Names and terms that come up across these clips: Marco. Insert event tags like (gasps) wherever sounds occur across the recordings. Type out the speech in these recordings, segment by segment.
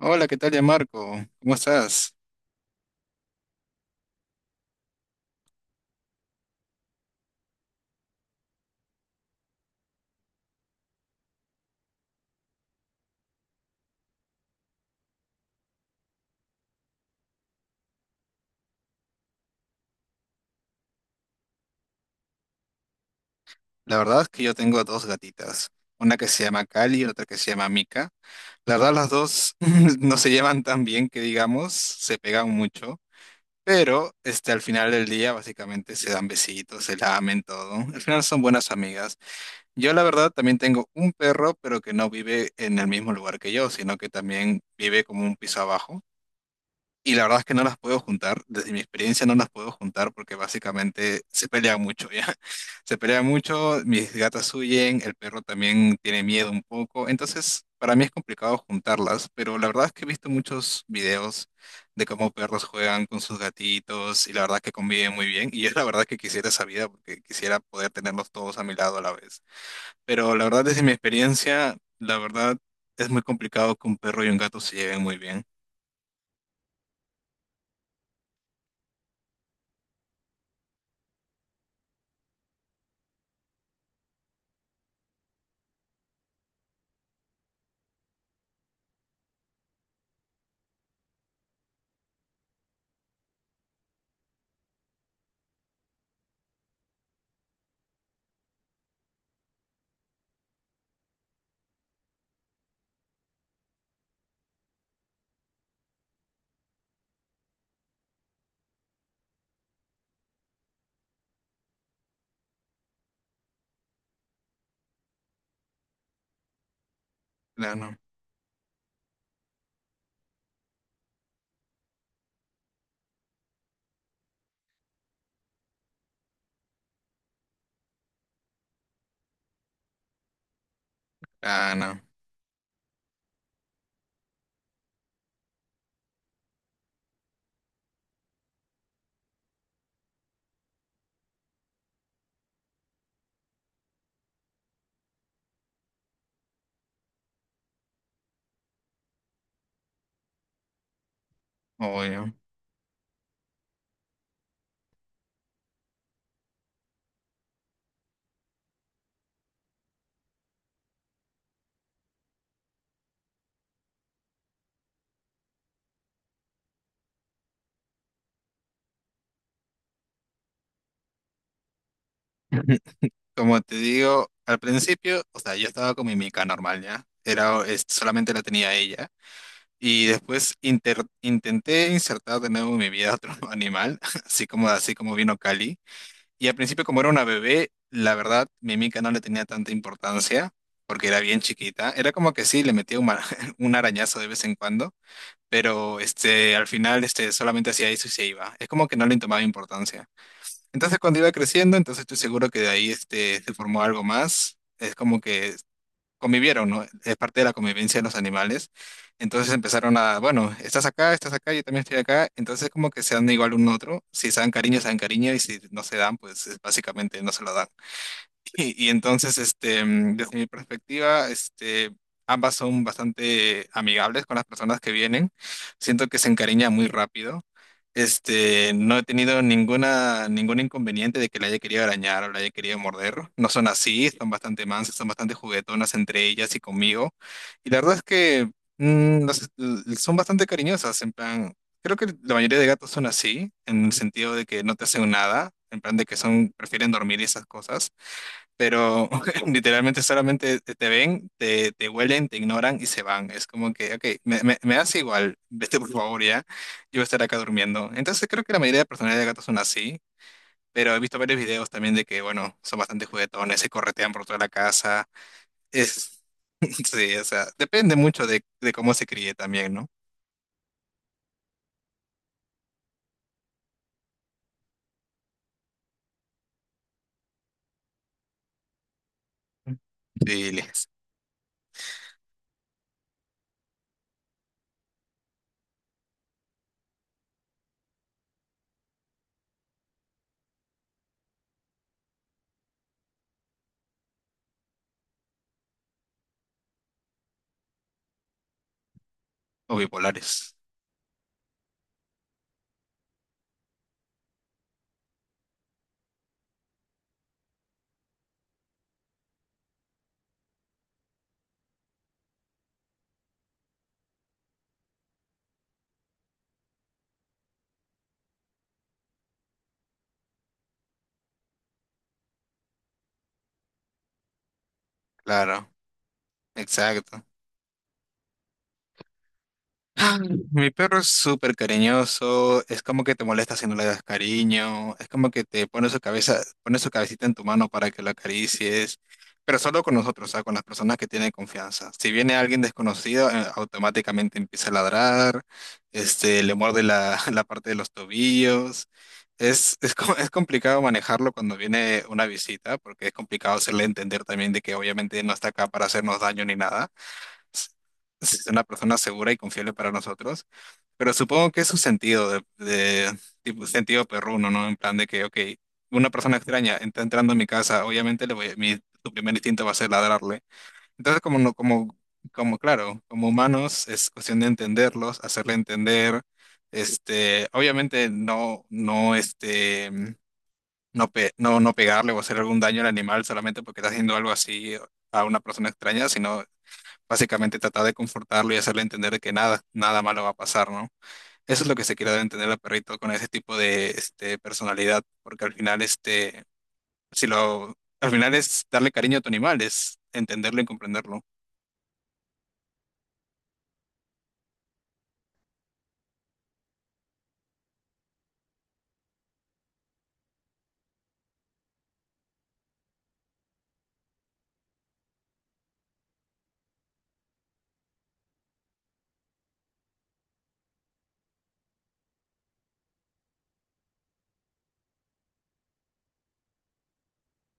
Hola, ¿qué tal, ya Marco? ¿Cómo estás? La verdad es que yo tengo dos gatitas, una que se llama Cali y otra que se llama Mica. La verdad, las dos (laughs) no se llevan tan bien que digamos, se pegan mucho, pero al final del día básicamente se dan besitos, se lamen todo. Al final son buenas amigas. Yo la verdad también tengo un perro, pero que no vive en el mismo lugar que yo, sino que también vive como un piso abajo. Y la verdad es que no las puedo juntar, desde mi experiencia no las puedo juntar porque básicamente se pelean mucho ya. (laughs) Se pelean mucho, mis gatas huyen, el perro también tiene miedo un poco, entonces para mí es complicado juntarlas, pero la verdad es que he visto muchos videos de cómo perros juegan con sus gatitos y la verdad es que conviven muy bien y es la verdad que quisiera esa vida porque quisiera poder tenerlos todos a mi lado a la vez. Pero la verdad desde mi experiencia, la verdad es muy complicado que un perro y un gato se lleven muy bien. Claro, claro. Oye, como te digo, al principio, o sea, yo estaba con mi mica normal, ¿ya? Era, solamente la tenía ella. Y después intenté insertar de nuevo en mi vida otro (laughs) animal, (laughs) así como vino Cali. Y al principio, como era una bebé, la verdad, mi mica no le tenía tanta importancia, porque era bien chiquita. Era como que sí, le metía un, (laughs) un arañazo de vez en cuando, pero solamente hacía eso y se iba. Es como que no le tomaba importancia. Entonces cuando iba creciendo, entonces estoy seguro que de ahí se formó algo más. Es como que convivieron, ¿no? Es parte de la convivencia de los animales. Entonces empezaron a, bueno, estás acá, yo también estoy acá. Entonces como que se dan igual uno a otro. Si se dan cariño, se dan cariño y si no se dan, básicamente no se lo dan. (laughs) Y entonces, desde mi perspectiva, ambas son bastante amigables con las personas que vienen. Siento que se encariña muy rápido. No he tenido ningún inconveniente de que la haya querido arañar o la haya querido morder. No son así, son bastante mansas, son bastante juguetonas entre ellas y conmigo. Y la verdad es que son bastante cariñosas, en plan, creo que la mayoría de gatos son así, en el sentido de que no te hacen nada, en plan de que son, prefieren dormir y esas cosas pero (laughs) literalmente solamente te ven, te huelen, te ignoran y se van. Es como que, ok, me das igual, (laughs) vete por favor ya, yo voy a estar acá durmiendo. Entonces creo que la mayoría de personalidades de gatos son así, pero he visto varios videos también de que, bueno, son bastante juguetones, se corretean por toda la casa. Es, (laughs) sí, o sea, depende mucho de cómo se críe también, ¿no? Sí, o bipolares. Claro, exacto. (gasps) Mi perro es súper cariñoso, es como que te molesta si no le das cariño, es como que te pone su cabeza, pone su cabecita en tu mano para que lo acaricies, pero solo con nosotros, o sea, con las personas que tienen confianza. Si viene alguien desconocido, automáticamente empieza a ladrar, le muerde la, (laughs) la parte de los tobillos. Es complicado manejarlo cuando viene una visita, porque es complicado hacerle entender también de que obviamente no está acá para hacernos daño ni nada s- es una persona segura y confiable para nosotros, pero supongo que es su sentido de, tipo sentido perruno, ¿no? En plan de que, ok, una persona extraña está entrando a mi casa, obviamente le voy, su primer instinto va a ser ladrarle. Entonces, como no, como, como claro, como humanos es cuestión de entenderlos, hacerle entender, obviamente no pegarle o hacer algún daño al animal solamente porque está haciendo algo así a una persona extraña, sino básicamente tratar de confortarlo y hacerle entender de que nada, nada malo va a pasar, ¿no? Eso es lo que se quiere dar a entender al perrito con ese tipo de personalidad, porque al final, este, si lo, al final es darle cariño a tu animal, es entenderlo y comprenderlo.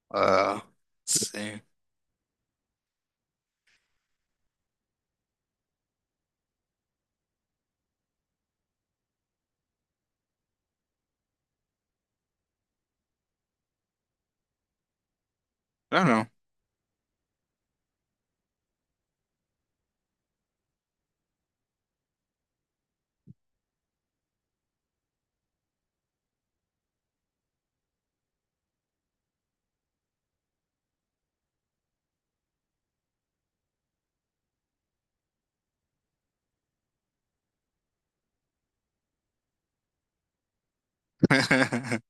Ah, sí, claro. (laughs)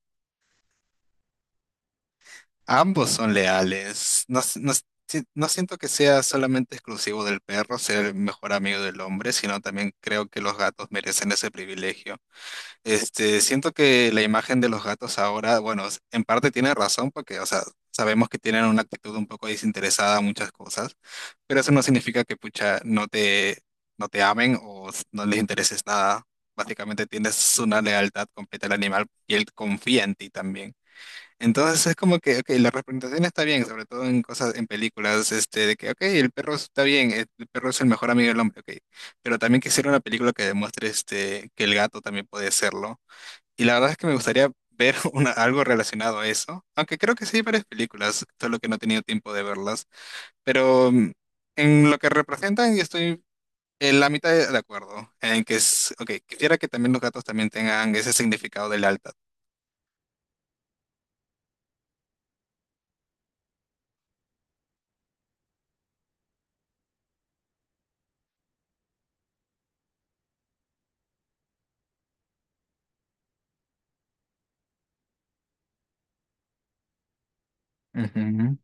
Ambos son leales. No siento que sea solamente exclusivo del perro ser el mejor amigo del hombre, sino también creo que los gatos merecen ese privilegio. Siento que la imagen de los gatos ahora, bueno, en parte tiene razón porque, o sea, sabemos que tienen una actitud un poco desinteresada a muchas cosas, pero eso no significa que, pucha, no te amen no les intereses nada. Básicamente tienes una lealtad completa al animal y él confía en ti también. Entonces es como que, ok, la representación está bien, sobre todo en cosas, en películas, de que, ok, el perro está bien, el perro es el mejor amigo del hombre, ok, pero también quisiera una película que demuestre, que el gato también puede serlo y la verdad es que me gustaría ver (laughs) algo relacionado a eso, aunque creo que sí hay varias películas, solo que no he tenido tiempo de verlas. Pero en lo que representan, yo estoy en la mitad de acuerdo, en que es, ok, quisiera que también los gatos también tengan ese significado del alta. Ujú.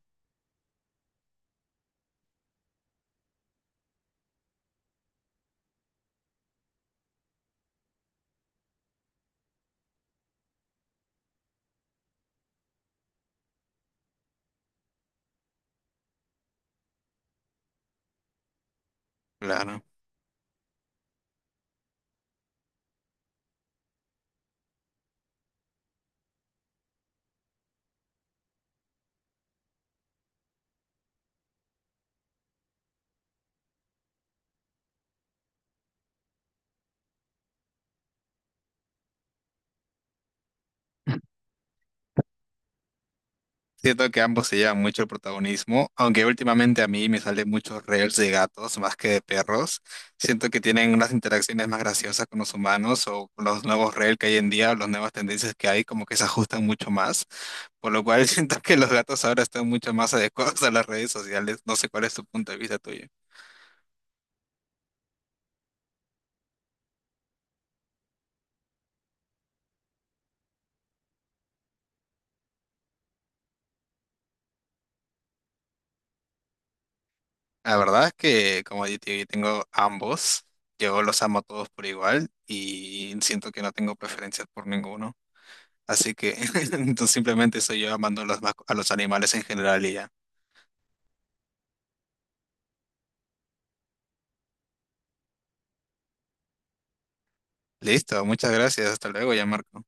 Claro. Siento que ambos se llevan mucho el protagonismo, aunque últimamente a mí me salen muchos reels de gatos más que de perros. Siento que tienen unas interacciones más graciosas con los humanos o con los nuevos reels que hay en día, o las nuevas tendencias que hay, como que se ajustan mucho más. Por lo cual (laughs) siento que los gatos ahora están mucho más adecuados a las redes sociales. No sé cuál es tu punto de vista tuyo. La verdad es que como yo tengo ambos, yo los amo a todos por igual y siento que no tengo preferencias por ninguno. Así que (laughs) entonces simplemente soy yo amando a los, a los animales en general y ya. Listo, muchas gracias. Hasta luego, ya Marco.